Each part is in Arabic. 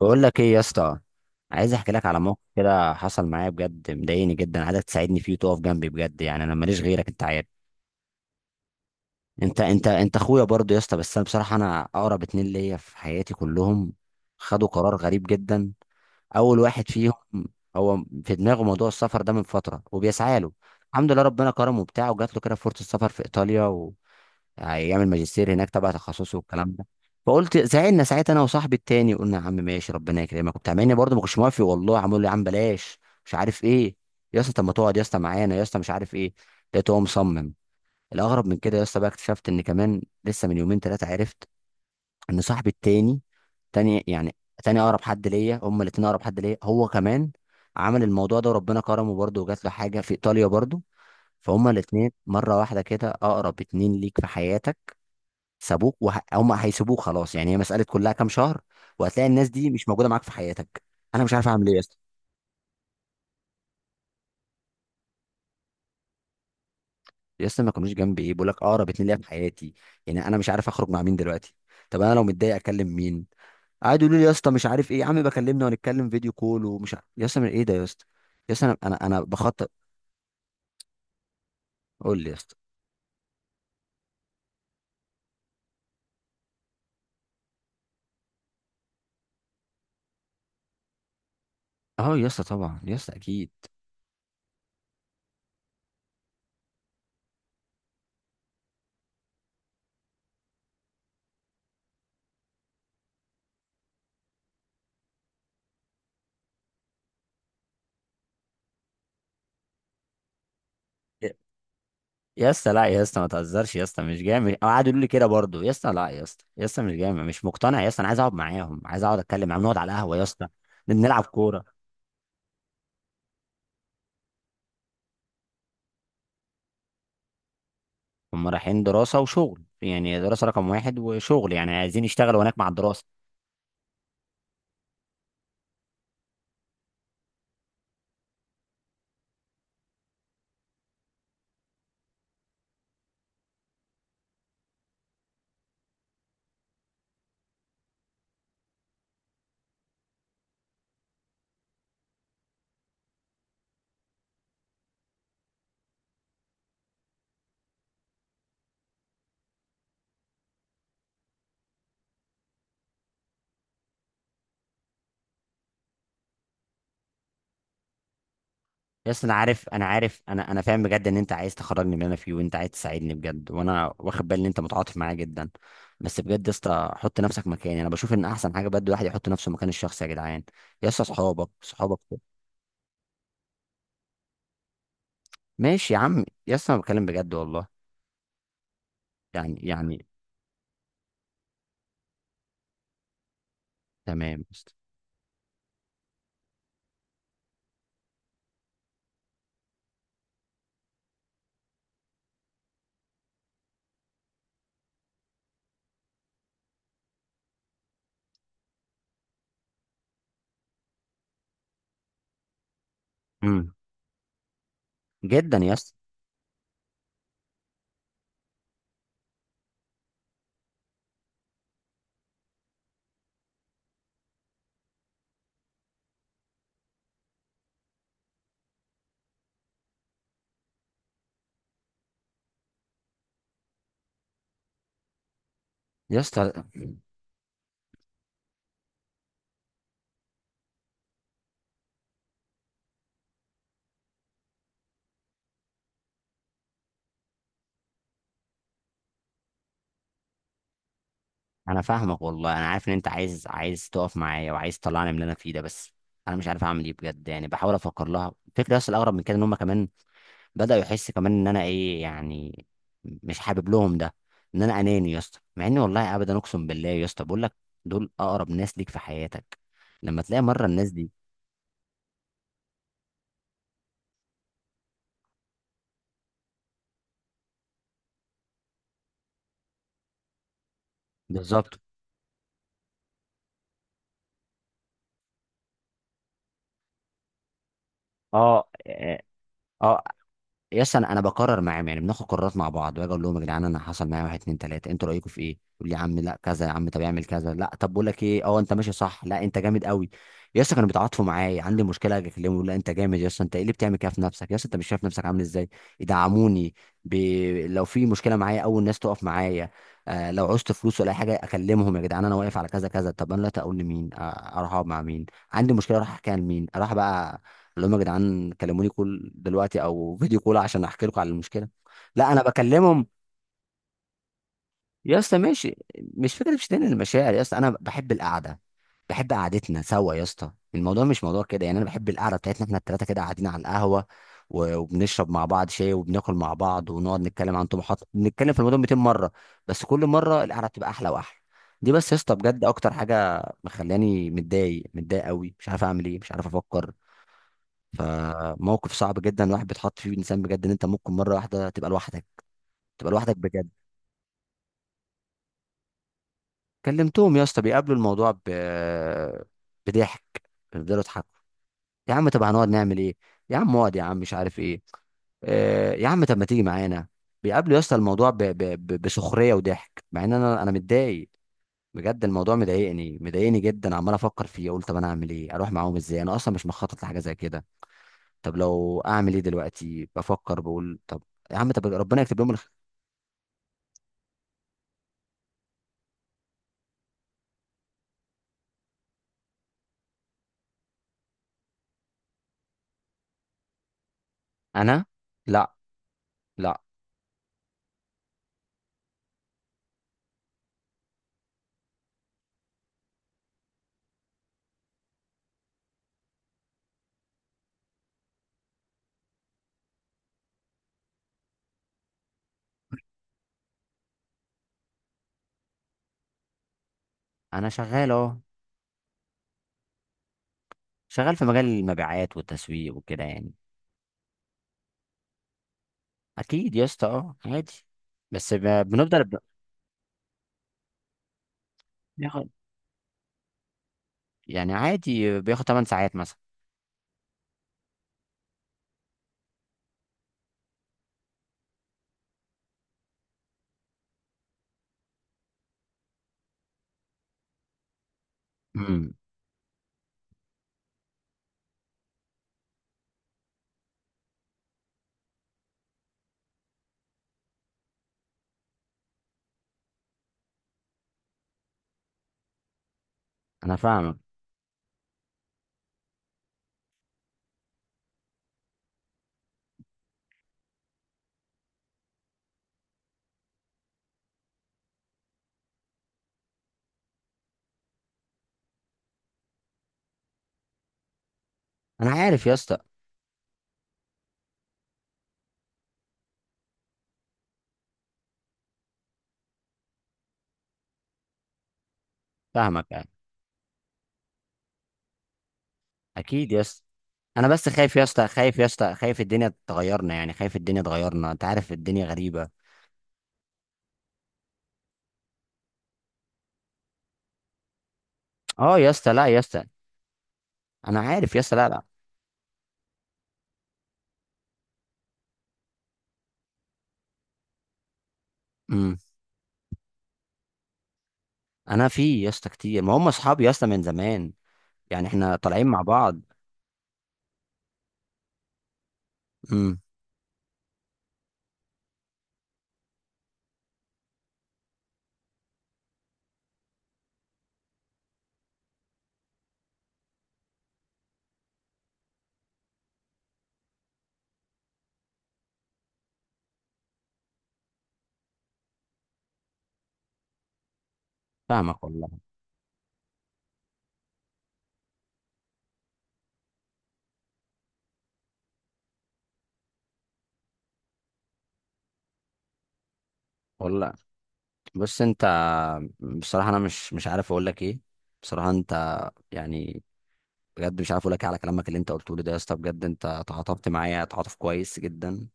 بقول لك ايه يا اسطى؟ عايز احكي لك على موقف كده حصل معايا، بجد مضايقني جدا، عايزك تساعدني فيه وتقف جنبي بجد، يعني انا ماليش غيرك انت عارف. انت اخويا برضه يا اسطى، بس انا بصراحه انا اقرب اتنين ليا في حياتي كلهم خدوا قرار غريب جدا. اول واحد فيهم هو في دماغه موضوع السفر ده من فتره وبيسعى له، الحمد لله ربنا كرمه وبتاعه وجات له كده فرصه سفر في ايطاليا، هيعمل ماجستير هناك تبع تخصصه والكلام ده. فقلت زعلنا ساعتها انا وصاحبي التاني، قلنا يا عم ماشي ربنا يكرمك وبتاع، مع اني برضه ما كنتش موافق والله، عمال يقول لي يا عم بلاش مش عارف ايه يا اسطى، طب ما تقعد يا اسطى معانا يا اسطى مش عارف ايه. لقيته هو مصمم. الاغرب من كده يا اسطى بقى، اكتشفت ان كمان لسه من يومين ثلاثه عرفت ان صاحبي التاني، تاني يعني، تاني اقرب حد ليا، هما الاتنين اقرب حد ليا، هو كمان عمل الموضوع ده وربنا كرمه برضه وجات له حاجه في ايطاليا برضه. فهما الاتنين مره واحده كده، اقرب اتنين ليك في حياتك سابوك وهم هيسيبوك خلاص، يعني هي مساله كلها كام شهر وهتلاقي الناس دي مش موجوده معاك في حياتك. انا مش عارف اعمل ايه يا اسطى. يا اسطى ما كانوش جنبي ايه، بقول لك اقرب اتنين ليا في حياتي. يعني انا مش عارف اخرج مع مين دلوقتي، طب انا لو متضايق اكلم مين؟ قعدوا يقولوا لي يا اسطى مش عارف ايه يا عم بكلمنا ونتكلم فيديو كول ومش عارف يا اسطى من ايه ده يا اسطى. يا اسطى انا بخطط. قول لي يا اسطى. اه يا اسطى طبعا يا اسطى اكيد. يا اسطى لا يا اسطى ما تهزرش يا اسطى، مش جامد. أو قعدوا يقولوا لي كده برضه، يا اسطى لا يا اسطى يا اسطى مش جامد، مش مقتنع يا اسطى، انا عايز اقعد معاهم، عايز اقعد اتكلم معاهم، نقعد على القهوه يا اسطى، نلعب كوره. هم رايحين دراسه وشغل، يعني دراسه رقم واحد وشغل يعني عايزين يشتغلوا هناك مع الدراسه. يا اسطى انا عارف، انا عارف، انا فاهم بجد ان انت عايز تخرجني من اللي انا فيه وانت عايز تساعدني بجد، وانا واخد بالي ان انت متعاطف معايا جدا. بس بجد يا اسطى حط نفسك مكاني، انا بشوف ان احسن حاجه بجد الواحد يحط نفسه مكان الشخص يا جدعان. يا اسطى صحابك. ماشي يا عم يا اسطى، انا بتكلم بجد والله. يعني. تمام يا اسطى. امم. جدا يا اسطى. يا اسطى انا فاهمك والله، انا عارف ان انت عايز تقف معايا وعايز تطلعني من اللي انا فيه ده، بس انا مش عارف اعمل ايه بجد، يعني بحاول افكر لها الفكره يا اسطى. الاغرب من كده ان هم كمان بداوا يحس كمان ان انا ايه يعني، مش حابب لهم ده، ان انا اناني يا اسطى، مع اني والله ابدا اقسم بالله. يا اسطى بقول لك دول اقرب ناس ليك في حياتك، لما تلاقي مره الناس دي. بالظبط. اه. اه. يس، انا انا بقرر معاهم، يعني بناخد قرارات مع بعض، باجي اقول لهم يا جدعان انا حصل معايا واحد اتنين تلاته، انتوا رايكم في ايه؟ يقول لي يا عم لا كذا، يا عم طب اعمل كذا، لا طب بقول لك ايه، اه انت ماشي صح، لا انت جامد قوي. يس كانوا بيتعاطفوا معايا، عندي مشكله اجي اكلمهم يقول لا انت جامد، يس انت ايه اللي بتعمل كده في نفسك، يس انت مش شايف نفسك عامل ازاي؟ يدعموني ب... لو في مشكله معايا اول ناس تقف معايا. آه لو عوزت فلوس ولا اي حاجه اكلمهم يا جدعان انا واقف على كذا كذا. طب انا دلوقتي اقول لمين؟ آه اروح اقعد مع مين؟ عندي مشكله اروح احكيها لمين؟ اروح بقى اللي هم يا جدعان كلموني كل دلوقتي او فيديو كول عشان احكي لكم على المشكله. لا انا بكلمهم يا اسطى ماشي، مش فكره مش تاني المشاعر يا اسطى، انا بحب القعده، بحب قعدتنا سوا يا اسطى، الموضوع مش موضوع كده يعني، انا بحب القعده بتاعتنا احنا الثلاثه كده قاعدين على القهوه وبنشرب مع بعض شاي وبناكل مع بعض ونقعد نتكلم عن طموحات، بنتكلم في الموضوع 200 مره بس كل مره القعده بتبقى احلى واحلى. دي بس يا اسطى بجد اكتر حاجه مخلاني متضايق، متضايق قوي، مش عارف اعمل ايه، مش عارف افكر. فموقف صعب جدا الواحد بيتحط فيه، انسان بجد ان انت ممكن مره واحده تبقى لوحدك، تبقى لوحدك بجد. كلمتهم يا اسطى، بيقابلوا الموضوع بضحك، بيفضلوا يضحكوا، يا عم طب هنقعد نعمل ايه، يا عم اقعد يا عم مش عارف ايه، يا عم طب ما تيجي معانا. بيقابلوا يا اسطى الموضوع بسخريه وضحك، مع ان انا متضايق بجد، الموضوع مضايقني، مضايقني جدا، عمال افكر فيه اقول طب انا اعمل ايه، اروح معاهم ازاي، انا اصلا مش مخطط لحاجه زي كده. طب لو اعمل ايه دلوقتي بفكر بقول طب، يا عم طب ربنا يكتب لهم. انا. لا لا. انا شغال اه. شغال في مجال المبيعات والتسويق وكده يعني. اكيد يا اسطى اه عادي. بس ب- بنفضل ب- بياخد يعني عادي بياخد 8 ساعات مثلا. امم. انا فاهمك. انا عارف يا اسطى. فاهمك يعني. اكيد يا اسطى. انا بس خايف يا اسطى، خايف يا اسطى، خايف الدنيا تغيرنا، يعني خايف الدنيا تغيرنا، انت عارف الدنيا غريبة. اه يا اسطى لا يا اسطى، انا عارف يا اسطى، لا لا. امم. انا في يا اسطى كتير، ما هم اصحابي يا اسطى من زمان، يعني احنا طالعين مع بعض. امم. فاهمك والله. والله. بص انت، بصراحه انا مش عارف اقول لك ايه، بصراحه انت، يعني، بجد مش عارف اقول لك ايه على كلامك اللي انت قلته لي ده يا اسطى، بجد انت تعاطفت معايا تعاطف كويس جدا.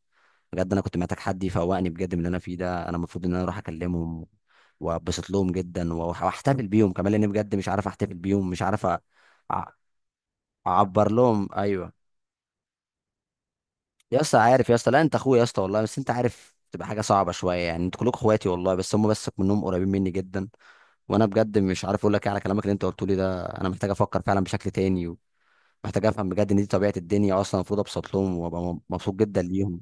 بجد انا كنت محتاج حد يفوقني بجد من اللي انا فيه ده، انا المفروض ان انا اروح اكلمهم وابسط لهم جدا، واحتفل بيهم كمان، لان بجد مش عارف احتفل بيهم، مش عارف أع- اعبر لهم ايوه. يا اسطى عارف يا اسطى، لا انت اخويا يا اسطى والله، بس انت عارف تبقى حاجه صعبه شويه يعني، انتوا كلكم اخواتي والله، بس هم بس منهم قريبين مني جدا. وانا بجد مش عارف اقول لك ايه على كلامك اللي انت قلته لي ده، انا محتاج افكر فعلا بشكل تاني، ومحتاج افهم بجد ان دي طبيعه الدنيا اصلا، المفروض ابسط لهم وابقى مبسوط جدا ليهم.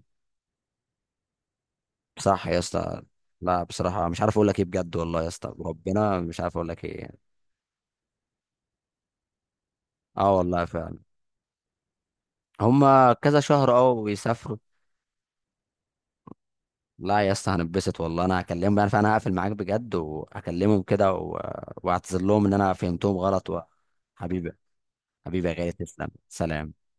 صح يا اسطى. لا بصراحه مش عارف اقول لك ايه بجد والله يا اسطى، ربنا، مش عارف اقول لك ايه يعني. اه والله فعلا. هم. كذا شهر اه ويسافروا. لا يا اسطى هنبسط والله، انا هكلمهم بقى، فانا هقفل معاك بجد وهكلمهم كده، و... واعتذر لهم ان انا فهمتهم غلط. و... حبيبي، حبيبي يا غالي، تسلم، سلام.